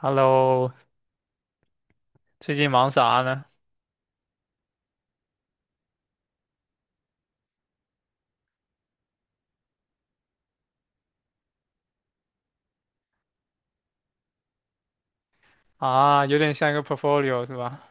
Hello，最近忙啥呢？啊，有点像一个 portfolio 是吧？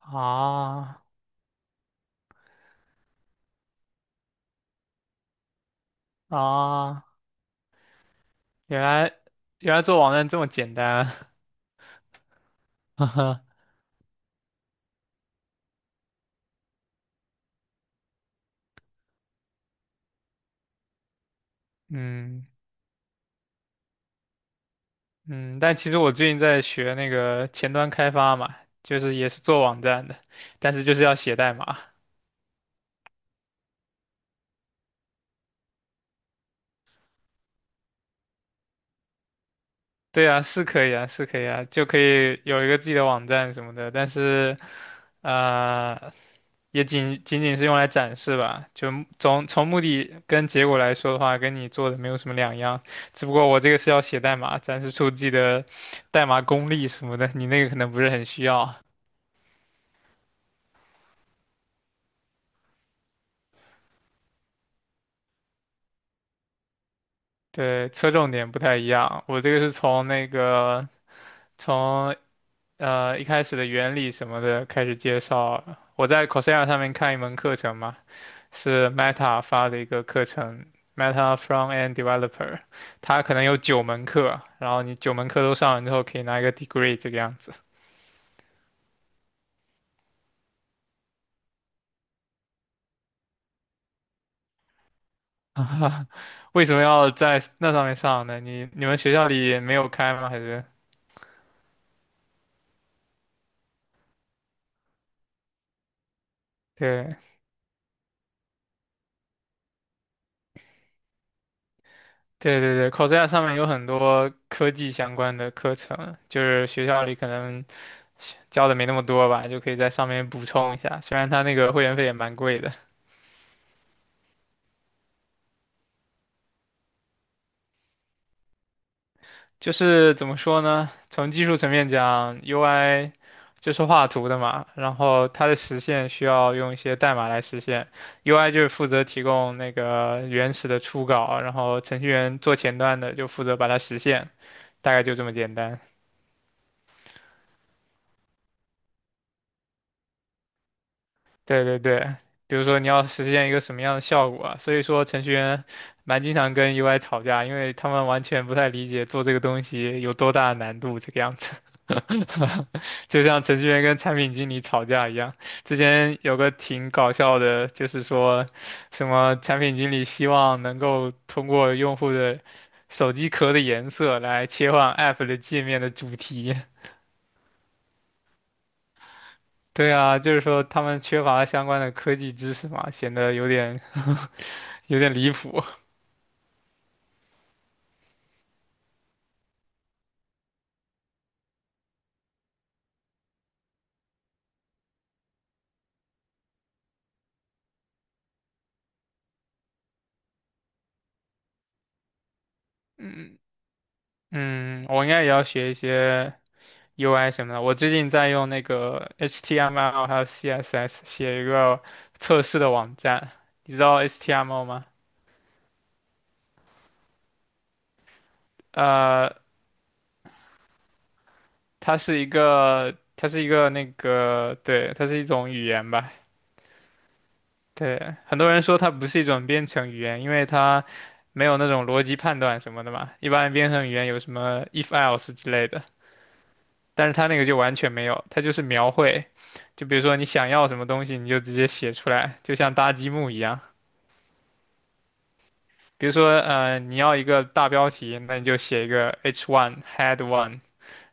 啊啊，原来原来做网站这么简单啊 哈哈，嗯嗯，但其实我最近在学那个前端开发嘛，就是也是做网站的，但是就是要写代码。对啊，是可以啊，是可以啊，就可以有一个自己的网站什么的，但是，呃，也仅仅是用来展示吧，就从目的跟结果来说的话，跟你做的没有什么两样，只不过我这个是要写代码，展示出自己的代码功力什么的，你那个可能不是很需要。对，侧重点不太一样，我这个是从从一开始的原理什么的开始介绍，我在 Coursera 上面看一门课程嘛，是 Meta 发的一个课程，Meta f r o m a n d Developer,它可能有九门课，然后你九门课都上完之后，可以拿一个 degree 这个样子。为什么要在那上面上呢？你们学校里没有开吗？还是？对对对对，Coursera 上面有很多科技相关的课程，就是学校里可能教的没那么多吧，就可以在上面补充一下。虽然它那个会员费也蛮贵的。就是怎么说呢？从技术层面讲，UI 就是画图的嘛，然后它的实现需要用一些代码来实现，UI 就是负责提供那个原始的初稿，然后程序员做前端的就负责把它实现，大概就这么简单。对对对，比如说你要实现一个什么样的效果啊？所以说程序员蛮经常跟 UI 吵架，因为他们完全不太理解做这个东西有多大的难度这个样子。就像程序员跟产品经理吵架一样，之前有个挺搞笑的，就是说什么产品经理希望能够通过用户的手机壳的颜色来切换 App 的界面的主题，对啊，就是说他们缺乏相关的科技知识嘛，显得有点 有点离谱。嗯嗯，我应该也要学一些 UI 什么的。我最近在用那个 HTML 还有 CSS 写一个测试的网站，你知道 HTML 吗？呃，它是一个它是一个那个对，它是一种语言吧，对，很多人说它不是一种编程语言，因为它没有那种逻辑判断什么的嘛。一般编程语言有什么 if else 之类的，但是它那个就完全没有，它就是描绘。就比如说你想要什么东西，你就直接写出来，就像搭积木一样。比如说，你要一个大标题，那你就写一个 h one head one,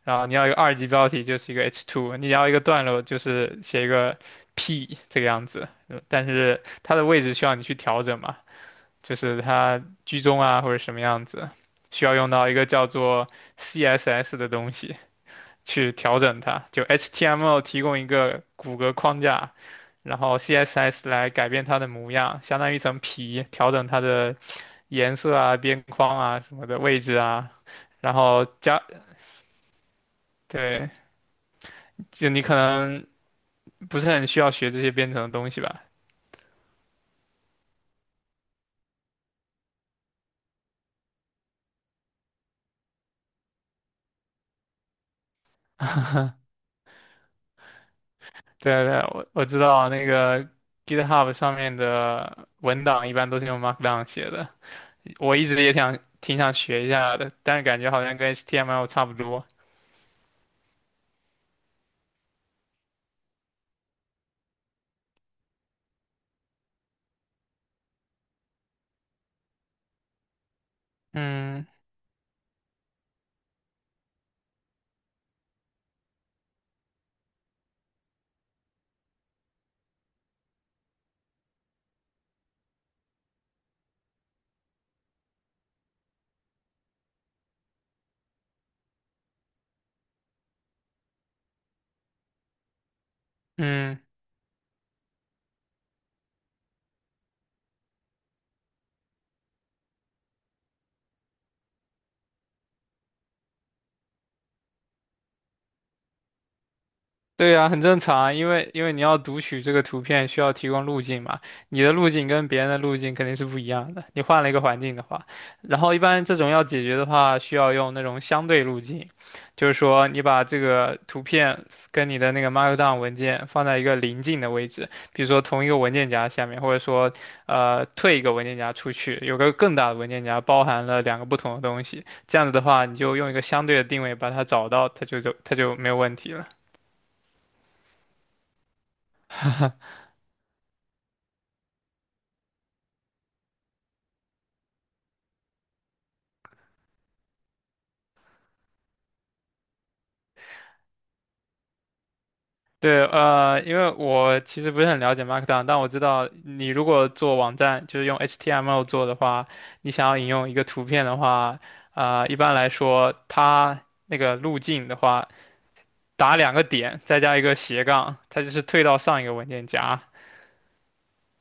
然后你要一个二级标题就是一个 h two,你要一个段落就是写一个 p 这个样子，但是它的位置需要你去调整嘛。就是它居中啊或者什么样子，需要用到一个叫做 CSS 的东西去调整它。就 HTML 提供一个骨骼框架，然后 CSS 来改变它的模样，相当于一层皮，调整它的颜色啊、边框啊什么的位置啊。然后加，对，就你可能不是很需要学这些编程的东西吧？对对，我知道那个 GitHub 上面的文档一般都是用 Markdown 写的。我一直也挺想学一下的，但是感觉好像跟 HTML 差不多。嗯嗯。对呀，很正常啊，因为你要读取这个图片，需要提供路径嘛，你的路径跟别人的路径肯定是不一样的。你换了一个环境的话，然后一般这种要解决的话，需要用那种相对路径，就是说你把这个图片跟你的那个 Markdown 文件放在一个邻近的位置，比如说同一个文件夹下面，或者说退一个文件夹出去，有个更大的文件夹包含了两个不同的东西，这样子的话，你就用一个相对的定位把它找到，它就没有问题了。对，因为我其实不是很了解 Markdown,但我知道你如果做网站，就是用 HTML 做的话，你想要引用一个图片的话，一般来说，它那个路径的话，打两个点，再加一个斜杠，它就是退到上一个文件夹，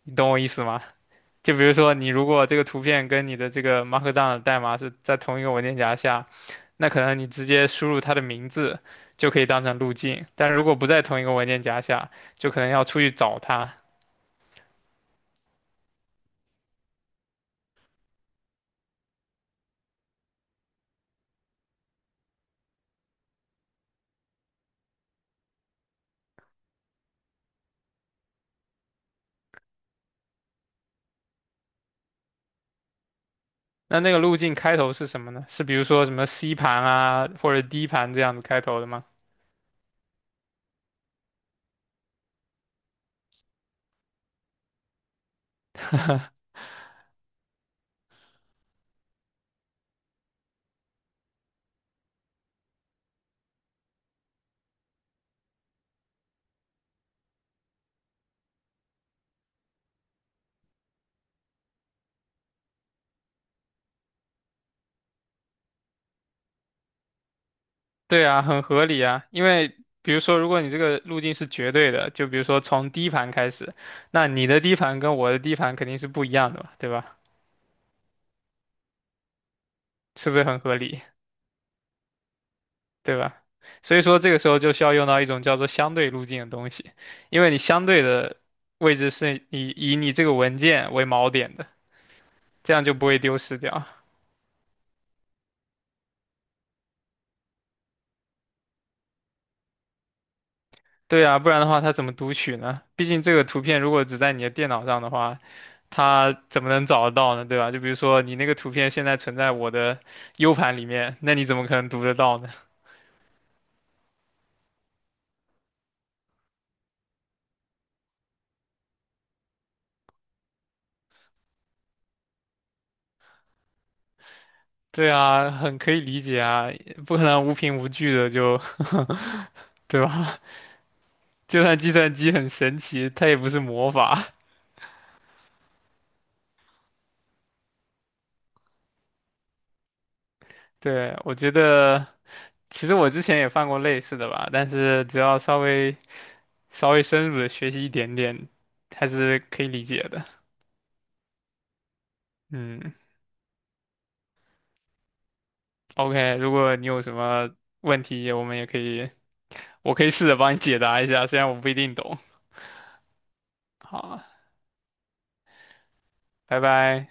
你懂我意思吗？就比如说，你如果这个图片跟你的这个 Markdown 的代码是在同一个文件夹下，那可能你直接输入它的名字就可以当成路径，但如果不在同一个文件夹下，就可能要出去找它。那个路径开头是什么呢？是比如说什么 C 盘啊，或者 D 盘这样子开头的吗？对啊，很合理啊，因为比如说，如果你这个路径是绝对的，就比如说从 D 盘开始，那你的 D 盘跟我的 D 盘肯定是不一样的嘛，对吧？是不是很合理？对吧？所以说这个时候就需要用到一种叫做相对路径的东西，因为你相对的位置是以你这个文件为锚点的，这样就不会丢失掉。对啊，不然的话它怎么读取呢？毕竟这个图片如果只在你的电脑上的话，它怎么能找得到呢？对吧？就比如说你那个图片现在存在我的 U 盘里面，那你怎么可能读得到呢？对啊，很可以理解啊，不可能无凭无据的就，对吧？就算计算机很神奇，它也不是魔法。对，我觉得，其实我之前也犯过类似的吧，但是只要稍微深入的学习一点点，还是可以理解的。嗯，OK,如果你有什么问题，我们也可以，我可以试着帮你解答一下，虽然我不一定懂。好，拜拜。